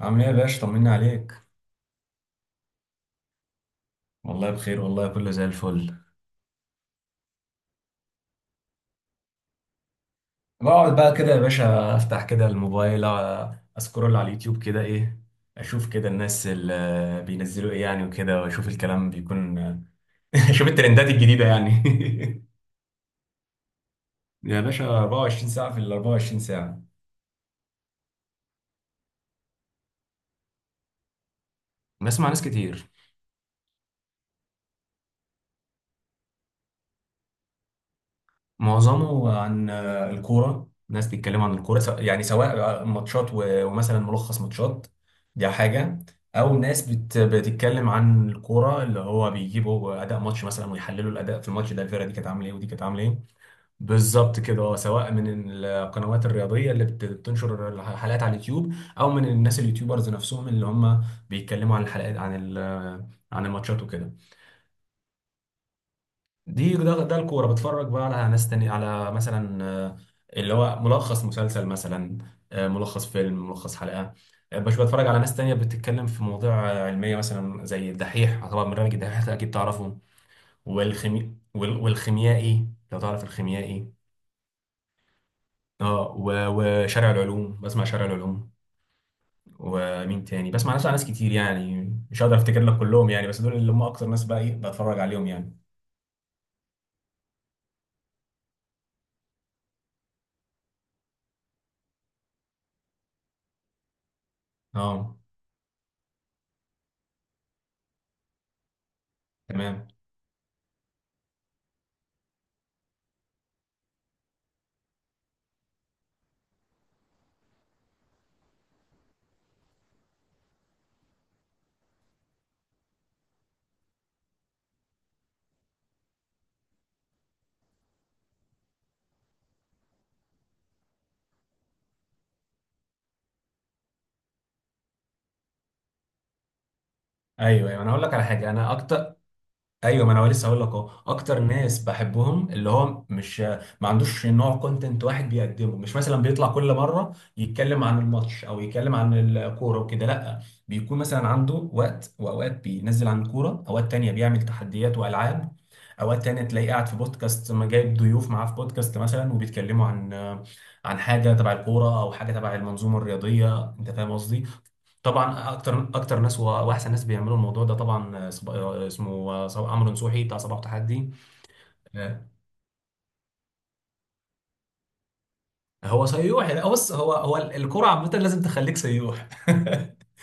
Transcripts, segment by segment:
عامل ايه يا باشا؟ طمنا عليك. والله بخير، والله كله زي الفل. بقعد بقى كده يا باشا، افتح كده الموبايل، اسكرول على اليوتيوب كده ايه، اشوف كده الناس اللي بينزلوا ايه يعني وكده، واشوف الكلام بيكون اشوف الترندات الجديدة يعني. يا باشا، 24 ساعة في ال 24 ساعة. بسمع ناس كتير، معظمه عن الكورة. ناس بيتكلموا عن الكورة، يعني سواء ماتشات ومثلا ملخص ماتشات، دي حاجة. أو ناس بتتكلم عن الكورة، اللي هو بيجيبوا أداء ماتش مثلا ويحللوا الأداء في الماتش ده، الفرقة دي كانت عاملة إيه ودي كانت عاملة إيه. بالظبط كده. سواء من القنوات الرياضية اللي بتنشر الحلقات على اليوتيوب، أو من الناس اليوتيوبرز نفسهم اللي هم بيتكلموا عن الحلقات، عن عن الماتشات وكده. دي ده الكوره. بتفرج بقى على ناس تانية، على مثلا اللي هو ملخص مسلسل مثلا، ملخص فيلم، ملخص حلقه. مش بتفرج على ناس تانية بتتكلم في مواضيع علميه، مثلا زي الدحيح. طبعا برنامج الدحيح ده اكيد تعرفه، والخيميائي لو تعرف الخيميائي. اه، وشارع العلوم، بسمع شارع العلوم. ومين تاني؟ بسمع ناس كتير يعني، مش هقدر افتكر لك كلهم يعني، بس دول اللي هم اكتر ناس بقى ايه بتفرج عليهم يعني. اه، تمام. ايوه، ايوه، انا هقول لك على حاجه، انا اكتر. ايوه، ما انا لسه هقول لك اهو، اكتر ناس بحبهم اللي هو مش ما عندوش نوع كونتنت واحد بيقدمه. مش مثلا بيطلع كل مره يتكلم عن الماتش او يتكلم عن الكوره وكده، لا. بيكون مثلا عنده وقت، واوقات بينزل عن الكوره، اوقات تانية بيعمل تحديات والعاب، اوقات تانية تلاقيه قاعد في بودكاست، ما جايب ضيوف معاه في بودكاست مثلا، وبيتكلموا عن حاجه تبع الكوره او حاجه تبع المنظومه الرياضيه. انت فاهم قصدي؟ طبعا اكتر اكتر ناس واحسن ناس بيعملوا الموضوع ده طبعا، آه، صب... آه، اسمه عمرو نصوحي بتاع صباح تحدي. آه. هو سيوح يعني. بص، هو الكرة عامة لازم تخليك سيوح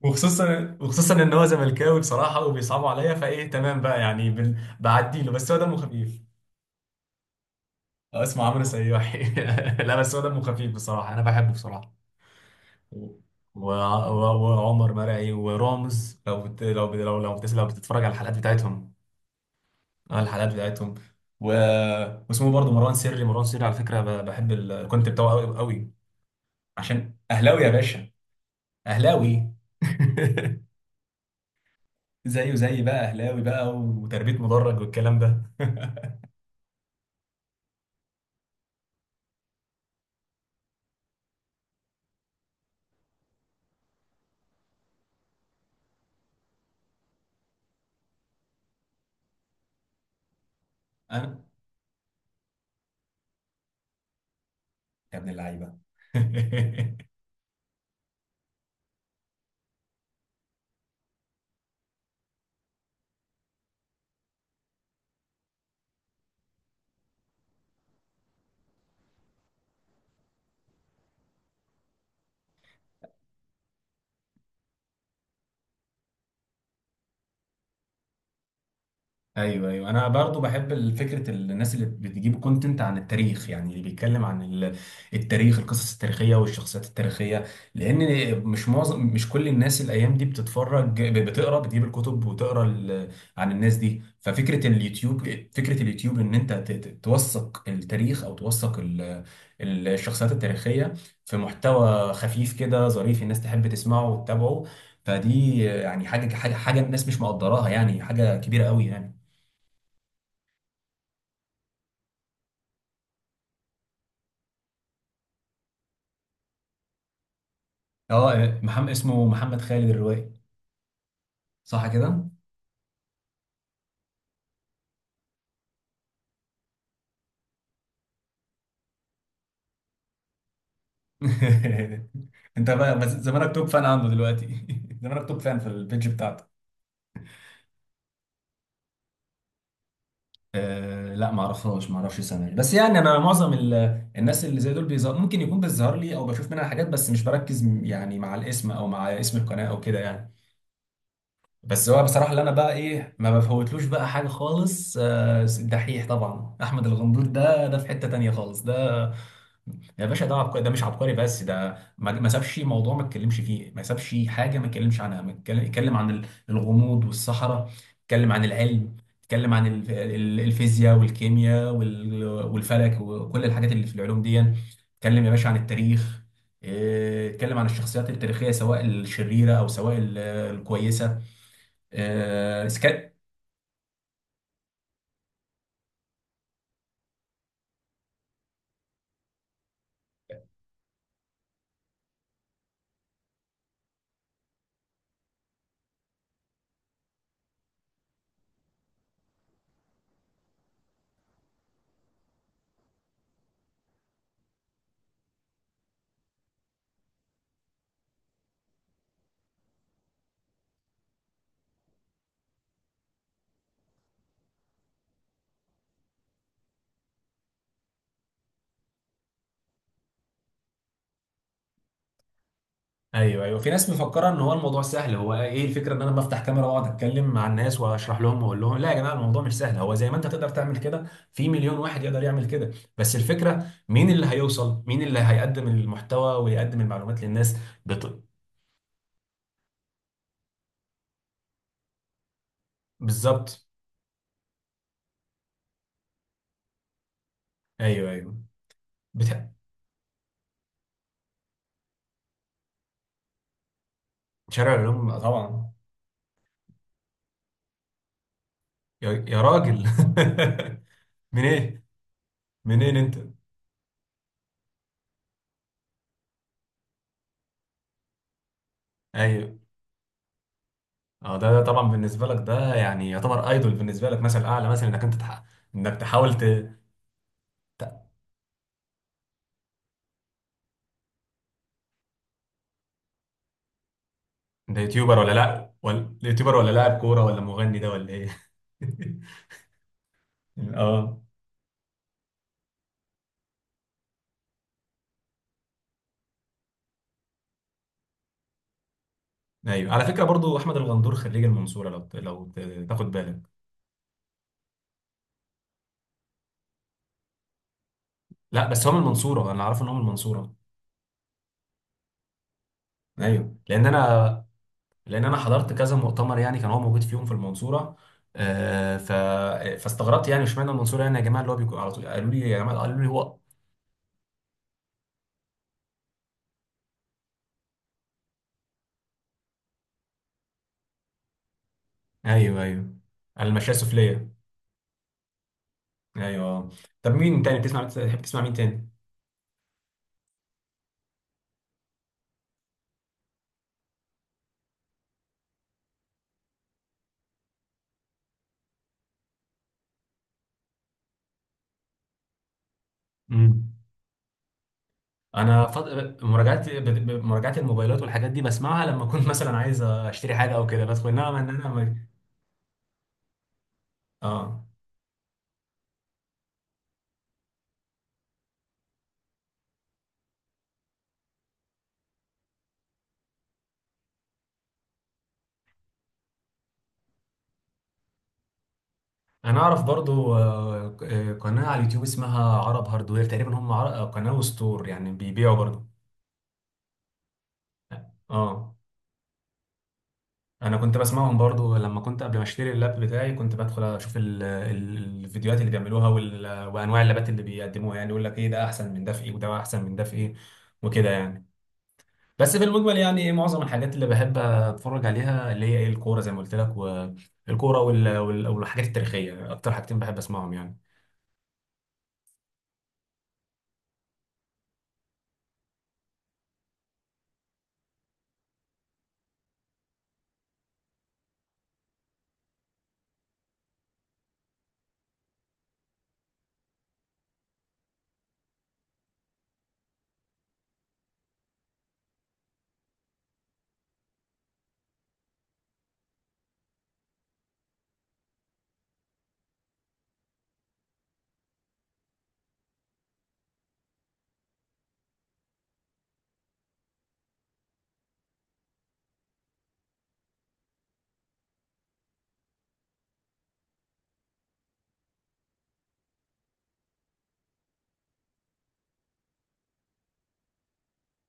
وخصوصا ان هو زملكاوي بصراحة وبيصعبوا عليا، فايه، تمام بقى يعني، بعدي له، بس هو دمه خفيف. اسمه عمرو سيوحي لا، بس هو دمه خفيف بصراحة، انا بحبه بصراحة. و... و... وعمر مرعي ورامز، لو بتتفرج على الحلقات بتاعتهم. على الحلقات بتاعتهم و... واسمه برضه مروان سري. على فكره بحب الكونت بتاعه قوي قوي، عشان اهلاوي يا باشا. اهلاوي زيه زي بقى اهلاوي بقى، وتربيه مدرج والكلام ده انا يا ابن اللعيبه ايوه، ايوه، انا برضو بحب فكره الناس اللي بتجيب كونتنت عن التاريخ، يعني اللي بيتكلم عن التاريخ، القصص التاريخيه والشخصيات التاريخيه. لان مش كل الناس الايام دي بتتفرج، بتقرا، بتجيب الكتب وتقرا عن الناس دي. ففكره اليوتيوب، فكره اليوتيوب ان انت توثق التاريخ، او توثق ال- الشخصيات التاريخيه، في محتوى خفيف كده ظريف، الناس تحب تسمعه وتتابعه. فدي يعني حاجه الناس مش مقدراها، يعني حاجه كبيره قوي يعني. اه، محمد، اسمه محمد خالد الروائي، صح كده؟ انت بقى بس زمانك توب فان عنده دلوقتي. زمانك توب فان في البيج بتاعته. لا، ما اعرفهاش، ما اعرفش اسامي، بس يعني انا معظم الناس اللي زي دول ممكن يكون بيظهر لي، او بشوف منها حاجات، بس مش بركز يعني مع الاسم، او مع اسم القناه او كده يعني. بس هو بصراحه، اللي انا بقى ايه ما بفوتلوش بقى حاجه خالص، الدحيح. طبعا احمد الغندور، ده في حته تانيه خالص ده. يا باشا، ده عبقري، ده مش عبقري بس، ده ما سابش موضوع ما اتكلمش فيه، ما سابش حاجه ما اتكلمش عنها. ما اتكلم عن الغموض والصحراء، اتكلم عن العلم، اتكلم عن الفيزياء والكيمياء والفلك وكل الحاجات اللي في العلوم دي. اتكلم يا باشا عن التاريخ. اه، اتكلم عن الشخصيات التاريخيه، سواء الشريره او سواء الكويسه. ايوه، ايوه، في ناس مفكره ان هو الموضوع سهل. هو ايه الفكره؟ ان انا بفتح كاميرا واقعد اتكلم مع الناس واشرح لهم واقول لهم: لا يا جماعه، الموضوع مش سهل. هو زي ما انت تقدر تعمل كده، في مليون واحد يقدر يعمل كده. بس الفكره، مين اللي هيوصل، مين اللي هيقدم المحتوى ويقدم المعلومات للناس؟ بط... بالظبط. ايوه، ايوه، بتح... شارع العلوم طبعا. يا راجل! من ايه؟ منين انت؟ ايوه. اه، ده طبعا بالنسبه لك، ده يعني يعتبر ايدول بالنسبه لك، مثل اعلى مثلا، انك انت انك تحاول ده يوتيوبر ولا لا ولا يوتيوبر، ولا لاعب كوره، ولا مغني ده، ولا ايه؟ اه. ايوه، على فكره برضو، احمد الغندور خريج المنصوره، لو تاخد بالك. لا، بس هو من المنصوره، انا عارف ان هو من المنصوره. ايوه، لان انا حضرت كذا مؤتمر يعني، كان هو موجود فيهم في المنصوره. آه ف فاستغربت يعني، اشمعنى المنصوره يعني يا جماعه، اللي هو بيكون على طول، قالوا لي يا جماعه، قالوا لي هو. ايوه، ايوه، على المشاية السفليه. ايوه. طب، مين تاني بتحب تسمع مين تاني؟ مم. انا مراجعات ب- مراجعات الموبايلات والحاجات دي بسمعها لما اكون مثلا عايز اشتري حاجه او كده، بدخل، انما ان انا اه، انا اعرف برضو قناه على اليوتيوب اسمها عرب هاردوير تقريبا، هم عر... آه، قناه وستور يعني بيبيعوا برضو. اه، انا كنت بسمعهم برضو لما كنت، قبل ما اشتري اللاب بتاعي، كنت بدخل اشوف الفيديوهات اللي بيعملوها وانواع اللابات اللي بيقدموها، يعني يقول لك ايه ده احسن من ده في ايه، وده احسن من ده في ايه وكده يعني. بس في المجمل يعني ايه، معظم الحاجات اللي بحب اتفرج عليها اللي هي ايه الكوره، زي ما قلت لك. والكوره والحاجات التاريخيه، اكتر حاجتين بحب اسمعهم يعني.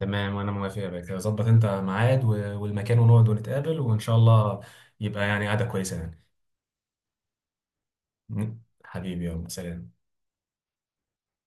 تمام، وانا موافق يا باشا، ظبط انت ميعاد والمكان، ونقعد ونتقابل وان شاء الله، يبقى يعني قعده كويسه. يعني حبيبي يلا سلام.